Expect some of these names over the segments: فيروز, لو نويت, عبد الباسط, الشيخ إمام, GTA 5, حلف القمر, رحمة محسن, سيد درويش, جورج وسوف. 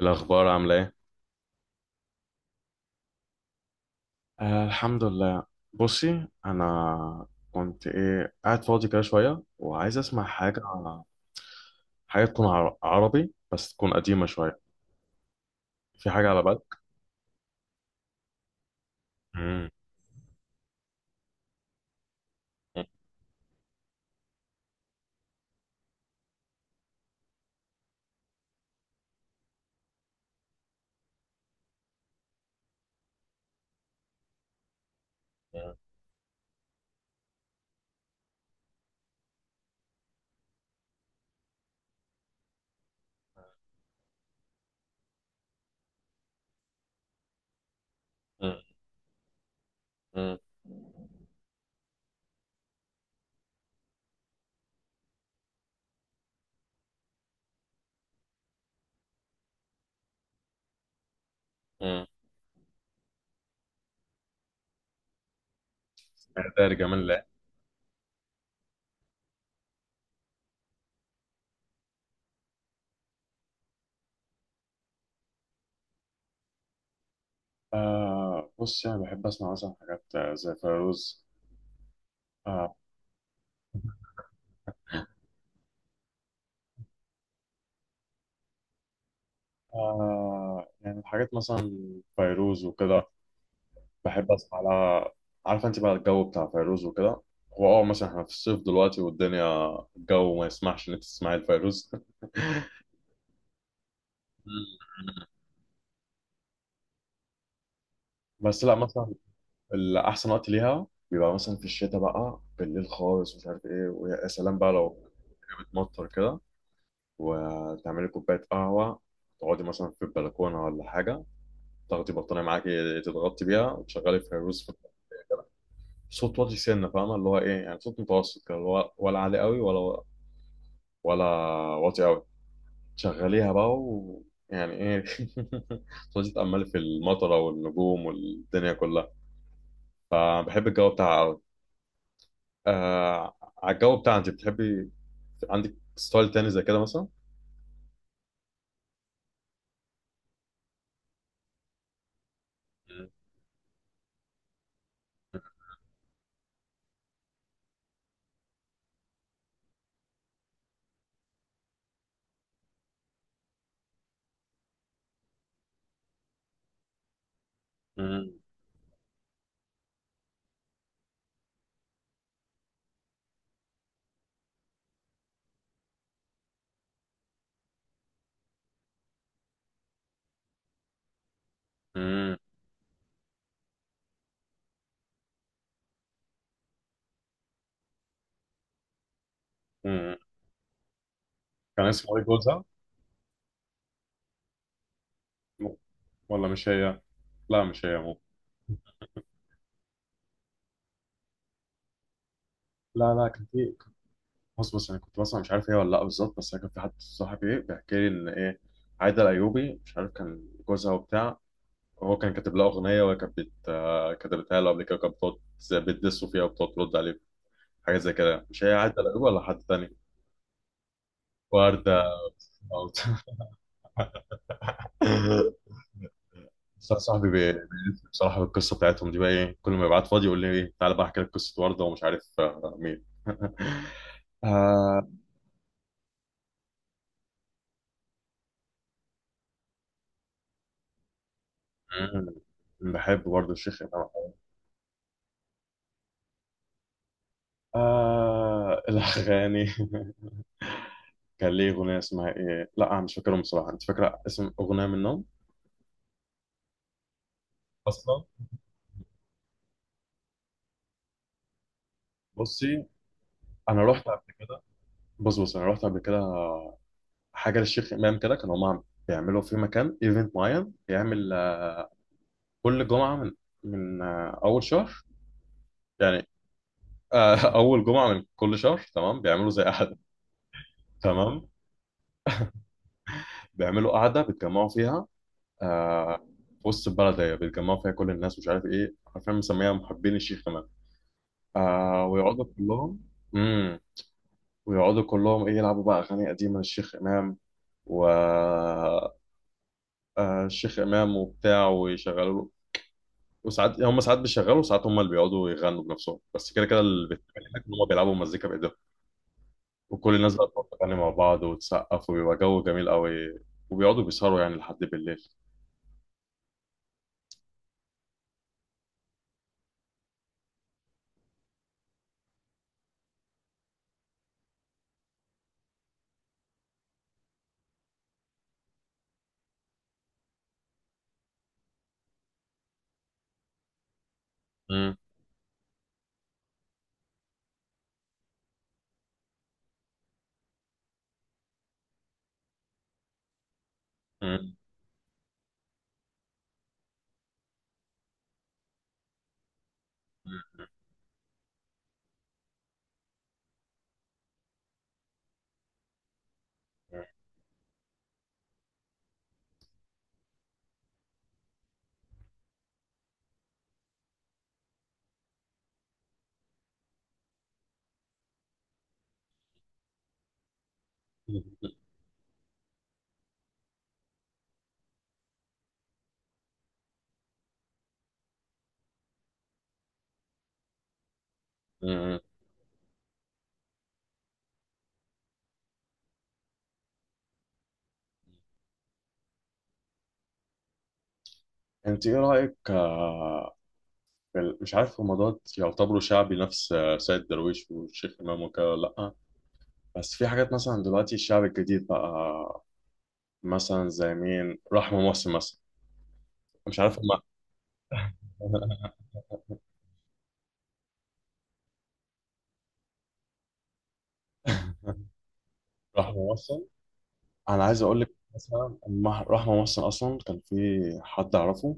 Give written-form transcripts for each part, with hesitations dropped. الأخبار عاملة إيه؟ آه، الحمد لله. بصي، أنا كنت إيه قاعد فاضي كده شوية وعايز أسمع حاجة. حاجة تكون عربي بس تكون قديمة شوية. في حاجة على بالك؟ مم. مم. مم. مم. مم. إعدادي جمال الله. آه، بصي، أنا بحب أسمع مثلا حاجات زي فيروز. آه. آه، يعني حاجات مثلا فيروز وكده، بحب اسمع لها. عارفه انت بقى الجو بتاع فيروز وكده. هو مثلا احنا في الصيف دلوقتي والدنيا الجو ما يسمحش ان انت تسمعي الفيروز. بس لا، مثلا الاحسن وقت ليها بيبقى مثلا في الشتاء بقى بالليل خالص، مش عارف ايه، ويا سلام بقى لو بتمطر كده، وتعملي كوبايه قهوه، تقعدي مثلا في البلكونه ولا حاجه، تاخدي بطانيه معاكي تتغطي بيها وتشغلي فيروز في البلكونه. صوت واطي، سنه فاهمه اللي هو ايه، يعني صوت متوسط كده، اللي هو ولا عالي قوي، ولا واطي قوي. شغليها بقى و، يعني ايه، تقعدي تتأملي في المطره والنجوم والدنيا كلها. فبحب الجو بتاعها قوي. آه، على الجو بتاعها انت بتحبي؟ عندك ستايل تاني زي كده مثلا؟ مم. مم. مم. كان اسمه ايه جوزها؟ ولا مش هي؟ لا مش هي، مو. لا لا، كان في. بص بص، انا كنت بسمع مش عارف هي ولا لا بالظبط، بس انا كان في حد صاحبي، ايه، بيحكي لي ان ايه عايده الايوبي، مش عارف كان جوزها وبتاع. هو كان كاتب لها أغنية، وهي كانت بت... آه، كتبتها له قبل كده، وكانت بتقعد زي بتدسه فيها وبتقعد ترد عليه. حاجة زي كده، مش هي عادة الأيوب ولا حد تاني؟ وردة. أو- بس أنا صاحبي بيلف بصراحة بالقصة بتاعتهم دي، بقى إيه كل ما يبعت فاضي يقول لي إيه، تعالى بقى أحكي لك قصة وردة ومش عارف مين. آه... مم. بحب برضه الشيخ إمام. آه، الأغاني. كان ليه أغنية اسمها إيه؟ لا أنا مش فاكرهم بصراحة، أنت فاكرة اسم أغنية منهم؟ أصلا. بصي، أنا رحت قبل كده. بص بص، انا رحت قبل كده حاجه للشيخ امام كده، كانوا هم بيعملوا في مكان ايفنت معين، بيعمل كل جمعه من اول شهر يعني. اول جمعه من كل شهر، تمام بيعملوا زي قعده. تمام. بيعملوا قعده بيتجمعوا فيها آه، في وسط البلد، هي بيتجمعوا فيها كل الناس، مش عارف ايه، عارفين مسميها محبين الشيخ امام، ويقعدوا كلهم. امم ويقعدوا كلهم، ايه يلعبوا بقى اغاني قديمه للشيخ امام، و الشيخ امام وبتاع ويشغلوا له، وساعات هم ساعات بيشغلوا وساعات هم اللي بيقعدوا يغنوا بنفسهم، بس كده كده اللي بيتعمل هناك ان هم بيلعبوا مزيكا بايديهم. وكل الناس بقى بتقعد تغني مع بعض وتسقف، وبيبقى جو جميل قوي. وبيقعدوا بيسهروا يعني لحد بالليل. مم. مم. مم. مم. انت ايه رايك في مش عارف هم دوت يعتبروا شعبي نفس سيد درويش والشيخ امام وكده، ولا لا؟ بس في حاجات مثلا دلوقتي الشعب الجديد بقى، مثلا زي مين، رحمه محسن مثلا، مش عارف هم. رحمه محسن، انا عايز اقول لك مثلا لما رحمه مصر اصلا كان في حد اعرفه،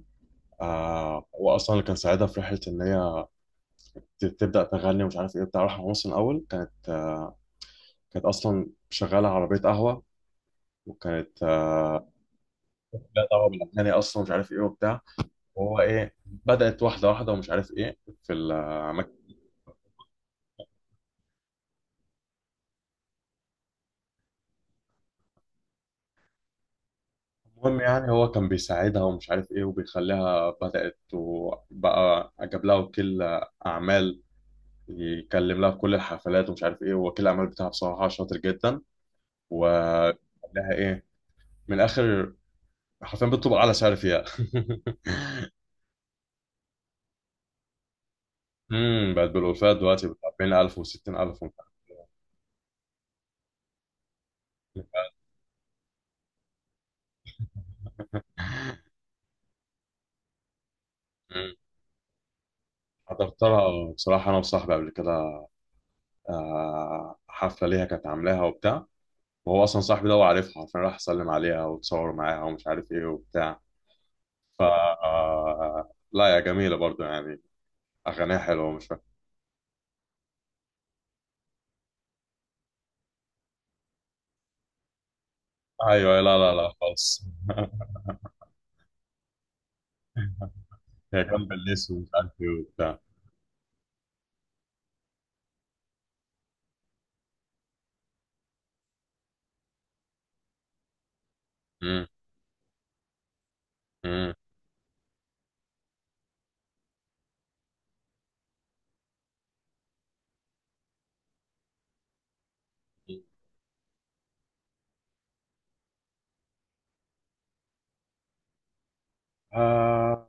هو اصلا اللي كان ساعدها في رحله ان هي تبدا تغني ومش عارف ايه بتاع. رحمه مصر الاول كانت اصلا شغاله عربيه قهوه، وكانت لا دعوه بالاغاني اصلا، مش عارف ايه وبتاع، وهو ايه بدات واحده واحده، ومش عارف ايه في المكان. المهم يعني هو كان بيساعدها ومش عارف ايه، وبيخليها بدأت، وبقى جاب لها وكيل أعمال يكلم لها في كل الحفلات ومش عارف ايه، هو وكيل الاعمال بتاعها بصراحه شاطر جدا، و لها ايه من الاخر حرفيا بتطلب اعلى سعر فيها. بقت بالالفات دلوقتي، ب 40000 و60000 ومش عارف إيه. مم. حضرت لها بصراحه انا وصاحبي قبل كده حفله ليها كانت عاملاها وبتاع، وهو اصلا صاحبي ده هو عارفها، حرفيا راح سلم عليها وتصور معاها ومش عارف ايه وبتاع. ف لا يا جميله برضو يعني، اغانيها حلوه، مش فاهم. ايوه، لا لا لا خالص. كان بالليس ومش عارف ايه وبتاع. مم. مم. آه،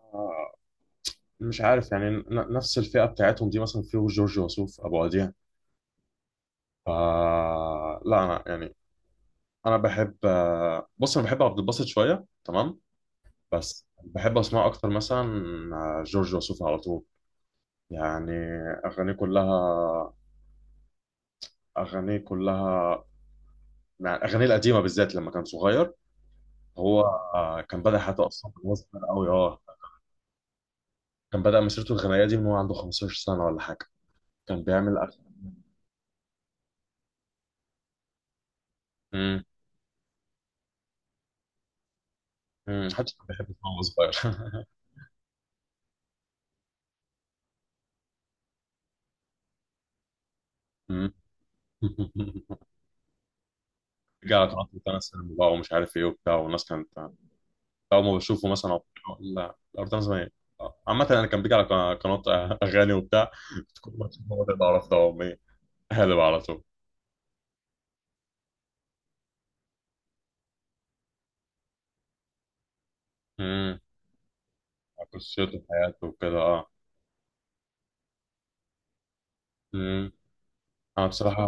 مش عارف يعني نفس الفئة بتاعتهم دي، مثلا فيه جورج وسوف أبو وديع. آه، لا أنا يعني، أنا بحب بص، أنا بحب عبد الباسط شوية، تمام، بس بحب أسمع أكتر مثلا جورج وسوف على طول يعني. أغانيه كلها أغانيه كلها. يعني أغانيه القديمة بالذات لما كان صغير، هو كان بدأ حياته أصلا من وهو صغير أوي. كان بدأ مسيرته الغنائية دي من وهو عنده 15 سنة ولا حاجة، كان بيعمل أكل. امم حتى كان بيحب يسمع وهو صغير. أمم. رجع تقعد تنس سينما بقى، ومش عارف ايه وبتاع، والناس كانت أول ما بشوفه مثلا أو بتاع، لا الأرض، أنا زمان عامة أنا كان بيجي على قناة أغاني وبتاع، كل ما تشوفه هو ده، بعرف ده أمي هالب على طول. امم قصته وحياته وكده. اه. أنا بصراحة،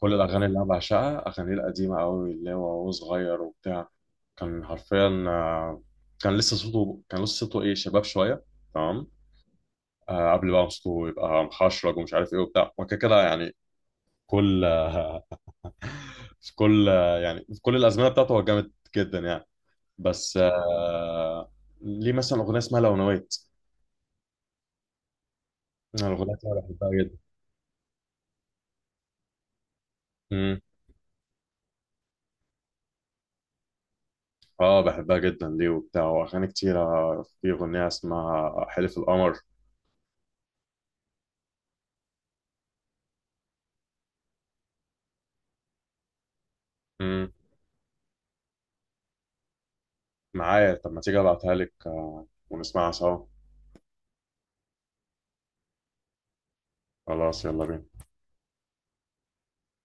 كل الأغاني اللي أنا بعشقها أغاني القديمة أوي اللي هو وهو صغير وبتاع، كان حرفيا كان لسه صوته إيه، شباب شوية، تمام قبل بقى ما صوته يبقى محشرج ومش عارف إيه وبتاع، وكده كده يعني. كل آه، في كل يعني في كل الأزمنة بتاعته هو جامد جدا يعني. بس ليه مثلا أغنية اسمها لو نويت. أنا الأغنية دي أنا بحبها جدا. مم. اه، بحبها جدا ليه وبتاع، واغاني كتيره، في اغنيه اسمها حلف القمر. مم. معايا، طب ما تيجي ابعتها لك ونسمعها سوا. خلاص يلا بينا.